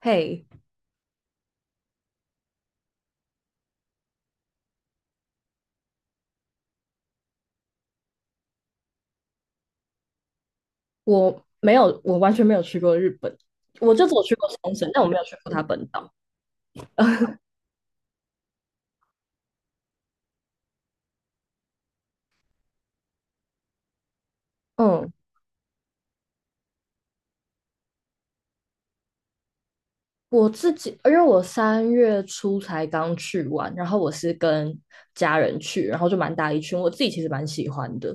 嘿，我没有，我完全没有去过日本，我就只有去过冲绳，但我没有去过它本岛。嗯，我自己，因为我三月初才刚去完，然后我是跟家人去，然后就蛮大一群，我自己其实蛮喜欢的，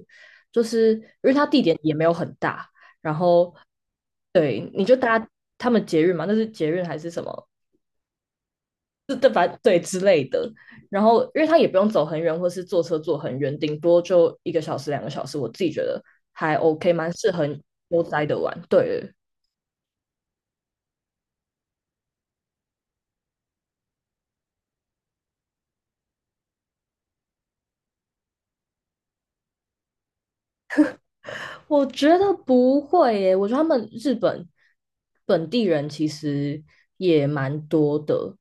就是因为它地点也没有很大，然后对，你就搭他们捷运嘛，那是捷运还是什么对之类的。然后，因为他也不用走很远，或是坐车坐很远，顶多就一个小时、两个小时，我自己觉得还 OK，蛮适合悠哉的玩。对，我觉得不会耶，我觉得他们日本本地人其实也蛮多的，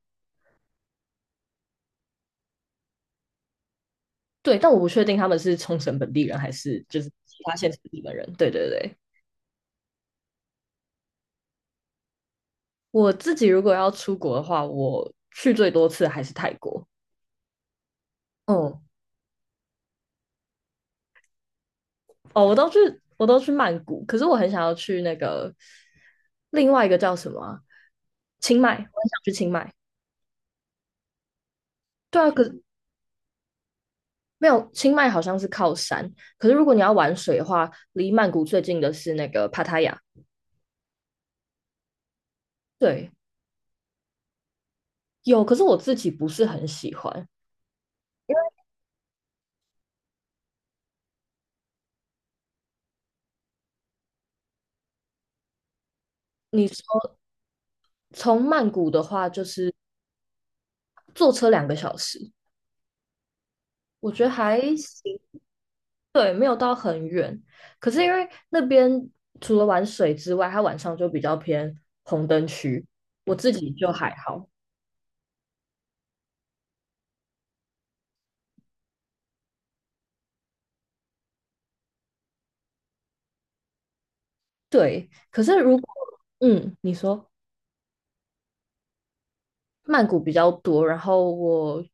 对，但我不确定他们是冲绳本地人还是就是其他县市的日本人。对对对，我自己如果要出国的话，我去最多次还是泰国。嗯，哦，我都去曼谷，可是我很想要去那个另外一个叫什么啊清迈，我很想去清迈。对啊，可是没有清迈好像是靠山，可是如果你要玩水的话，离曼谷最近的是那个帕塔亚。对，有，可是我自己不是很喜欢。你从曼谷的话，就是坐车两个小时，我觉得还行。对，没有到很远。可是因为那边除了玩水之外，它晚上就比较偏红灯区，我自己就还好。对，可是如果嗯，你说曼谷比较多，然后我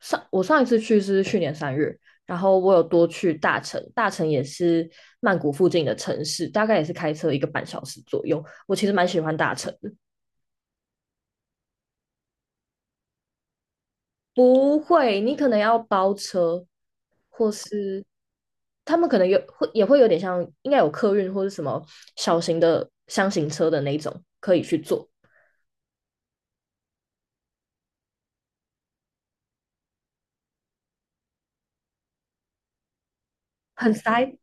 上我上一次去是去年三月，然后我有多去大城，大城也是曼谷附近的城市，大概也是开车1个半小时左右。我其实蛮喜欢大城不会，你可能要包车，或是他们可能有会也会有点像，应该有客运或是什么小型的箱型车的那种可以去做。很塞。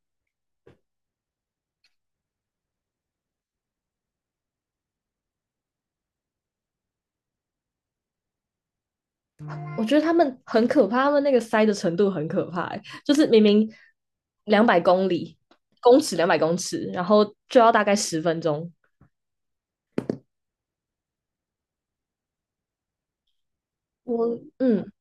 我觉得他们很可怕，他们那个塞的程度很可怕欸就是明明两百公里公尺200公尺，然后就要大概10分钟。我嗯，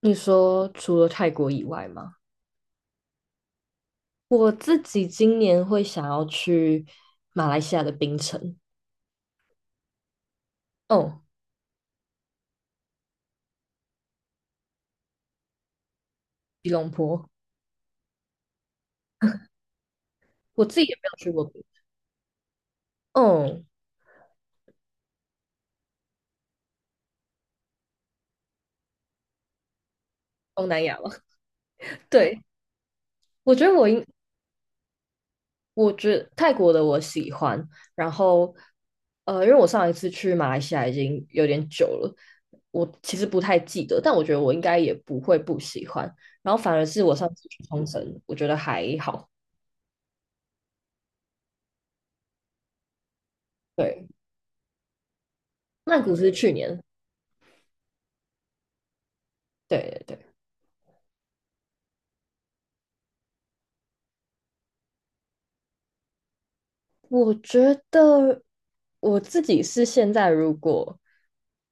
你说除了泰国以外吗？我自己今年会想要去马来西亚的槟城。哦，吉隆坡，我自己也没有去过别嗯，东南亚吧。对，我觉得我应，我觉得泰国的我喜欢，然后因为我上一次去马来西亚已经有点久了，我其实不太记得，但我觉得我应该也不会不喜欢。然后反而是我上次去冲绳，我觉得还好。对，曼谷是去年，对对对。我觉得我自己是现在，如果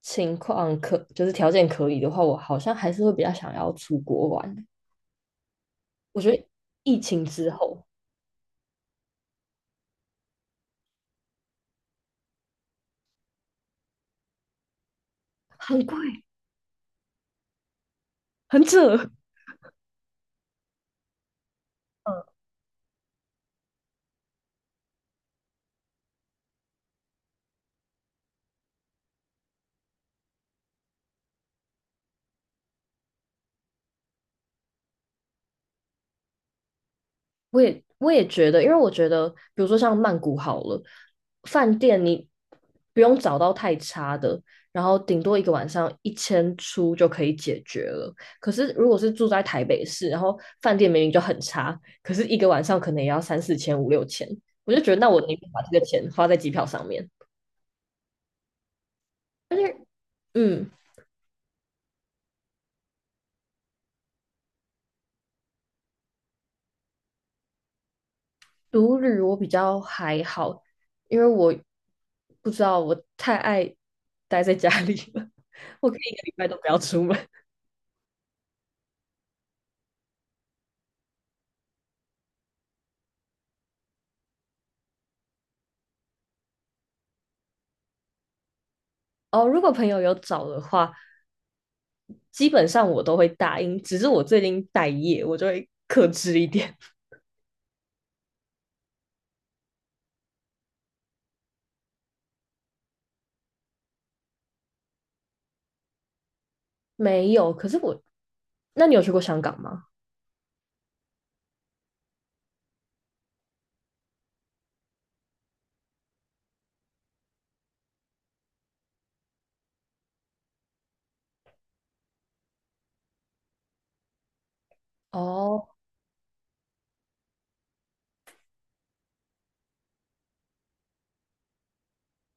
情况可就是条件可以的话，我好像还是会比较想要出国玩。我觉得疫情之后很贵，很扯。我也觉得，因为我觉得，比如说像曼谷好了，饭店你不用找到太差的，然后顶多一个晚上一千出就可以解决了。可是如果是住在台北市，然后饭店明明就很差，可是一个晚上可能也要三四千、五六千，我就觉得那我宁愿把这个钱花在机票上面。而且，嗯，独旅我比较还好，因为我不知道我太爱待在家里了，我可以一个礼拜都不要出门。哦，如果朋友有找的话，基本上我都会答应，只是我最近待业，我就会克制一点。没有，可是我，那你有去过香港吗？哦，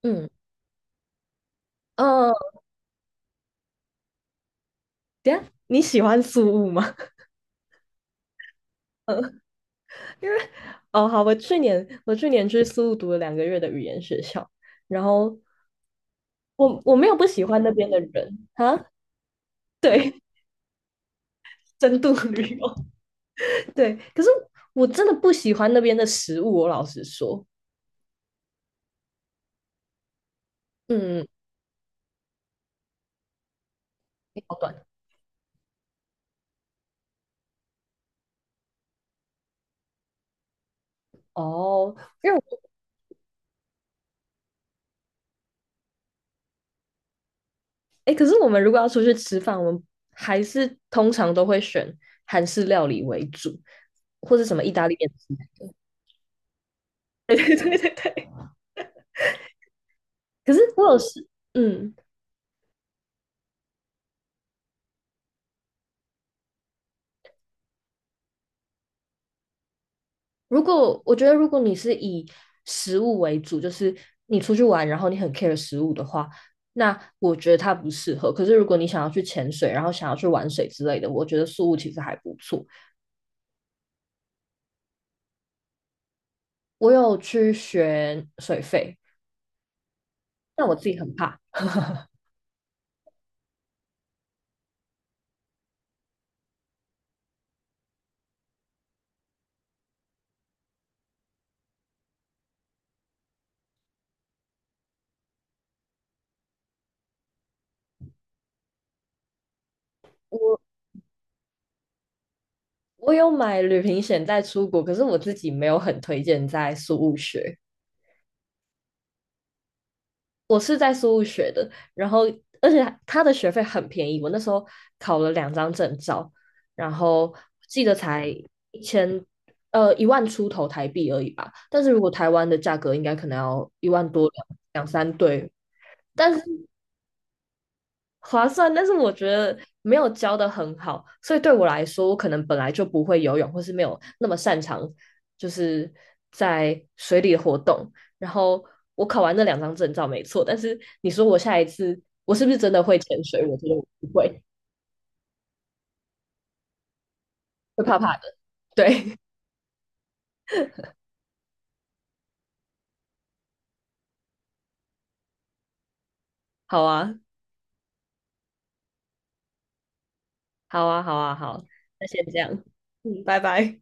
嗯，呃，等一下你喜欢苏务吗？因为，哦，好，我去年去苏务读了2个月的语言学校，然后我没有不喜欢那边的人啊，对，深度旅游，对，可是我真的不喜欢那边的食物，我老实说，嗯，好短。哦，因为哎，可是我们如果要出去吃饭，我们还是通常都会选韩式料理为主，或是什么意大利面之类的 对对对对对。可是我有试，嗯，我觉得如果你是以食物为主，就是你出去玩，然后你很 care 食物的话，那我觉得它不适合。可是如果你想要去潜水，然后想要去玩水之类的，我觉得宿物其实还不错。我有去学水肺，但我自己很怕。我。我有买旅行险在出国，可是我自己没有很推荐在苏务学。我是在苏务学的，然后而且他的学费很便宜，我那时候考了两张证照，然后记得才一千一万出头台币而已吧。但是如果台湾的价格，应该可能要1万多两两三对。但是划算，但是我觉得没有教的很好，所以对我来说，我可能本来就不会游泳，或是没有那么擅长，就是在水里的活动。然后我考完那两张证照没错，但是你说我下一次我是不是真的会潜水？我觉得我不会，会怕怕的。对，好啊，好啊，好啊，好，那先这样，嗯，拜拜。